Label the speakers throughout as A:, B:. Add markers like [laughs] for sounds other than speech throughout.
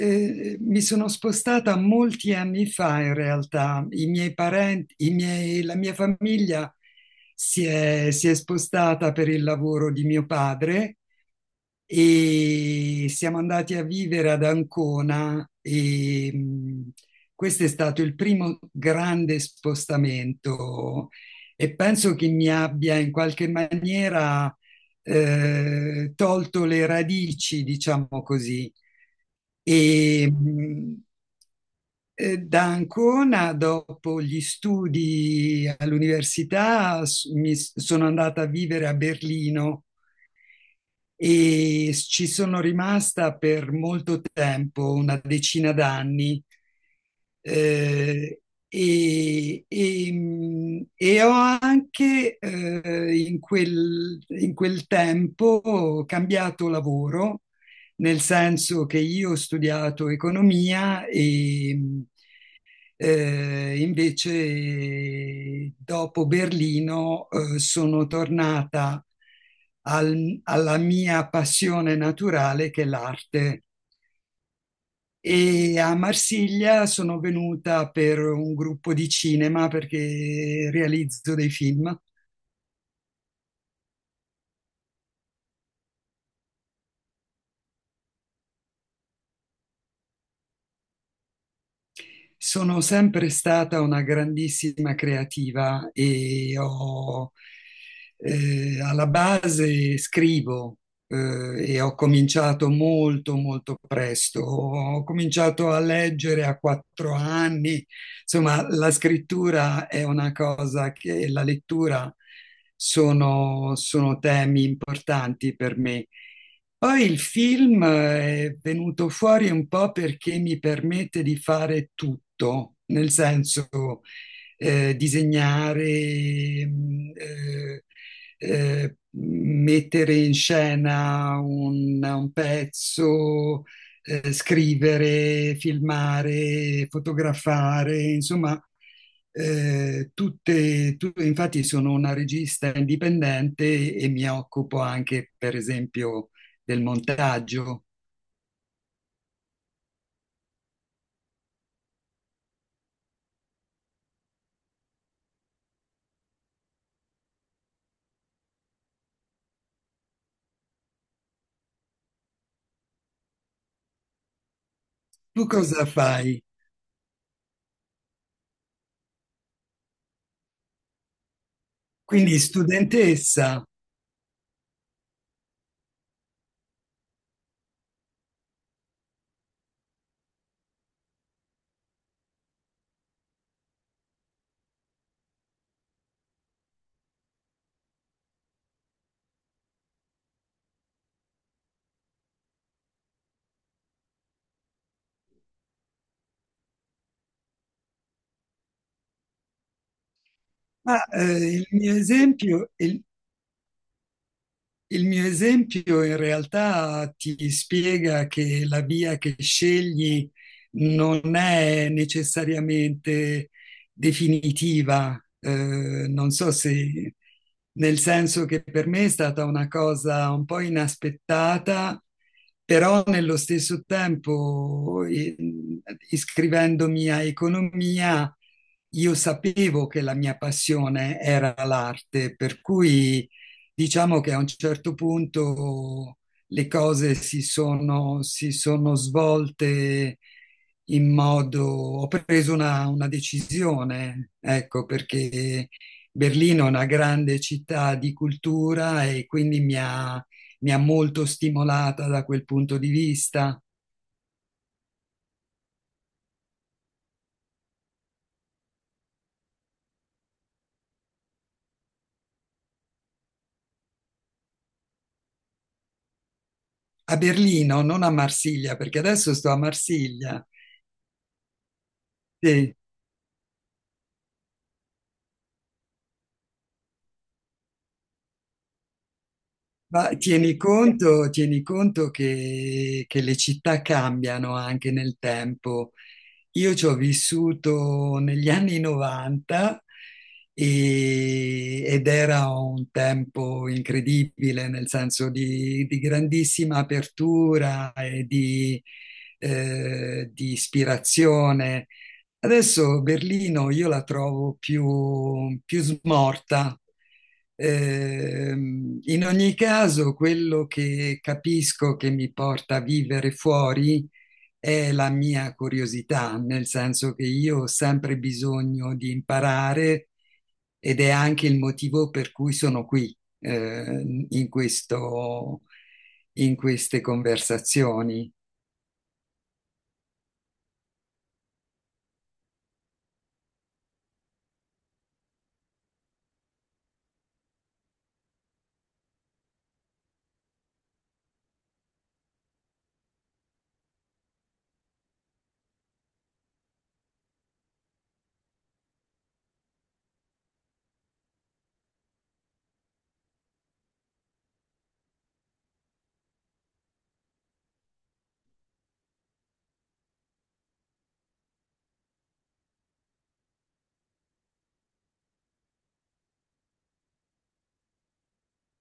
A: Mi sono spostata molti anni fa in realtà. I miei parenti, la mia famiglia si è spostata per il lavoro di mio padre e siamo andati a vivere ad Ancona e questo è stato il primo grande spostamento e penso che mi abbia in qualche maniera tolto le radici, diciamo così. E, da Ancona, dopo gli studi all'università, sono andata a vivere a Berlino e ci sono rimasta per molto tempo, una decina d'anni, eh, e ho anche in quel tempo cambiato lavoro, nel senso che io ho studiato economia e, invece, dopo Berlino, sono tornata alla mia passione naturale, che è l'arte. E a Marsiglia sono venuta per un gruppo di cinema perché realizzo dei film. Sono sempre stata una grandissima creativa e alla base scrivo, e ho cominciato molto, molto presto. Ho cominciato a leggere a 4 anni. Insomma, la scrittura è una cosa che la lettura sono temi importanti per me. Poi il film è venuto fuori un po' perché mi permette di fare tutto, nel senso disegnare, eh, mettere in scena un pezzo, scrivere, filmare, fotografare, insomma, infatti sono una regista indipendente e mi occupo anche, per esempio, del montaggio. Tu cosa fai? Quindi studentessa. Ma il mio esempio in realtà ti spiega che la via che scegli non è necessariamente definitiva. Eh, non so se, nel senso che per me è stata una cosa un po' inaspettata, però nello stesso tempo, iscrivendomi a economia, io sapevo che la mia passione era l'arte, per cui diciamo che a un certo punto le cose si sono svolte in modo. Ho preso una decisione, ecco, perché Berlino è una grande città di cultura e quindi mi ha molto stimolata da quel punto di vista. A Berlino, non a Marsiglia, perché adesso sto a Marsiglia. Sì. Ma tieni conto che le città cambiano anche nel tempo, io ci ho vissuto negli anni 90 ed era un tempo incredibile, nel senso di, grandissima apertura e di ispirazione. Adesso Berlino io la trovo più, più smorta. In ogni caso, quello che capisco che mi porta a vivere fuori è la mia curiosità, nel senso che io ho sempre bisogno di imparare ed è anche il motivo per cui sono qui, in queste conversazioni.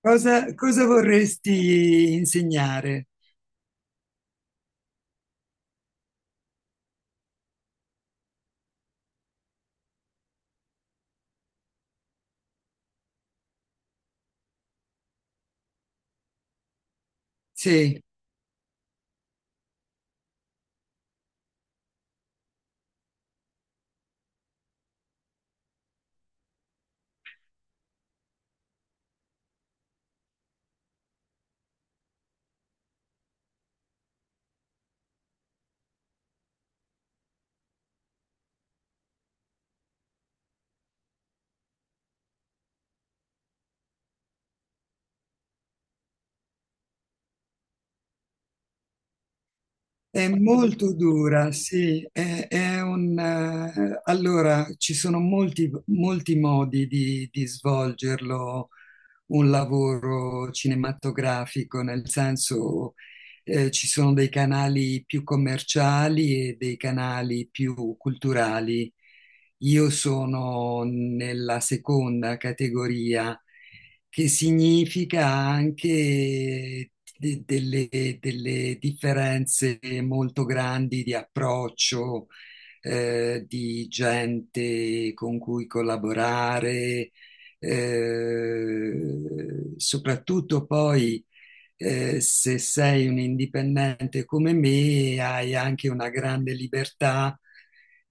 A: Cosa vorresti insegnare? Sì, è molto dura, sì. Allora, ci sono molti, molti modi di svolgerlo un lavoro cinematografico, nel senso ci sono dei canali più commerciali e dei canali più culturali. Io sono nella seconda categoria, che significa anche de- delle, delle differenze molto grandi di approccio, di gente con cui collaborare, soprattutto poi se sei un indipendente come me, hai anche una grande libertà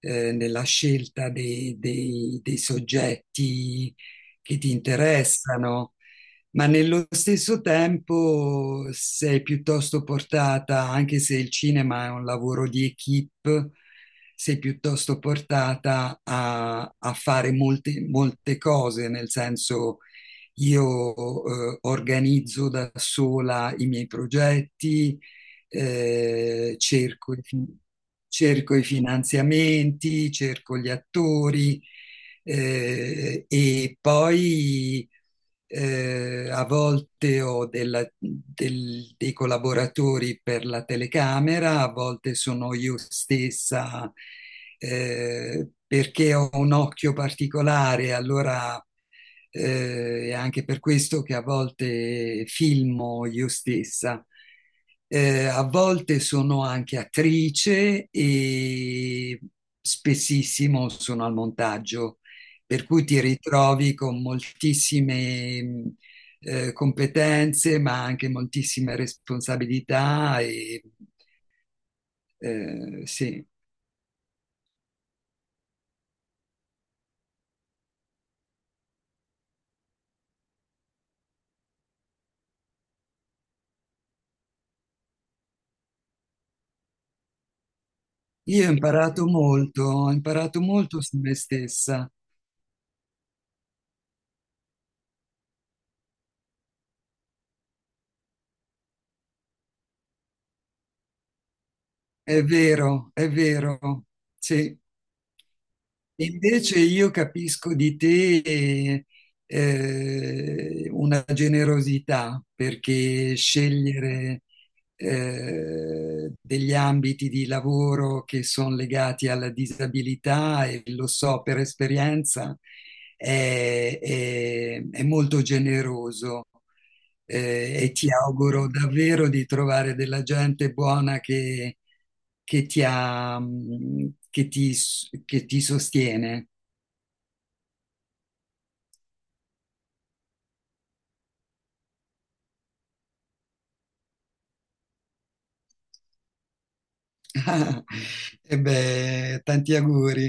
A: nella scelta dei soggetti che ti interessano, ma nello stesso tempo sei piuttosto portata, anche se il cinema è un lavoro di equip, sei piuttosto portata a fare molte, molte cose, nel senso io organizzo da sola i miei progetti, eh, cerco, i fi- cerco i finanziamenti, cerco gli attori e poi a volte ho dei collaboratori per la telecamera, a volte sono io stessa perché ho un occhio particolare, allora è anche per questo che a volte filmo io stessa. A volte sono anche attrice e spessissimo sono al montaggio, per cui ti ritrovi con moltissime competenze, ma anche moltissime responsabilità, sì. Io ho imparato molto su me stessa, è vero, sì. Invece io capisco di te una generosità perché scegliere degli ambiti di lavoro che sono legati alla disabilità, e lo so per esperienza, è molto generoso e ti auguro davvero di trovare della gente buona che ti ha, che ti, s- che ti sostiene. [laughs] E beh, tanti auguri.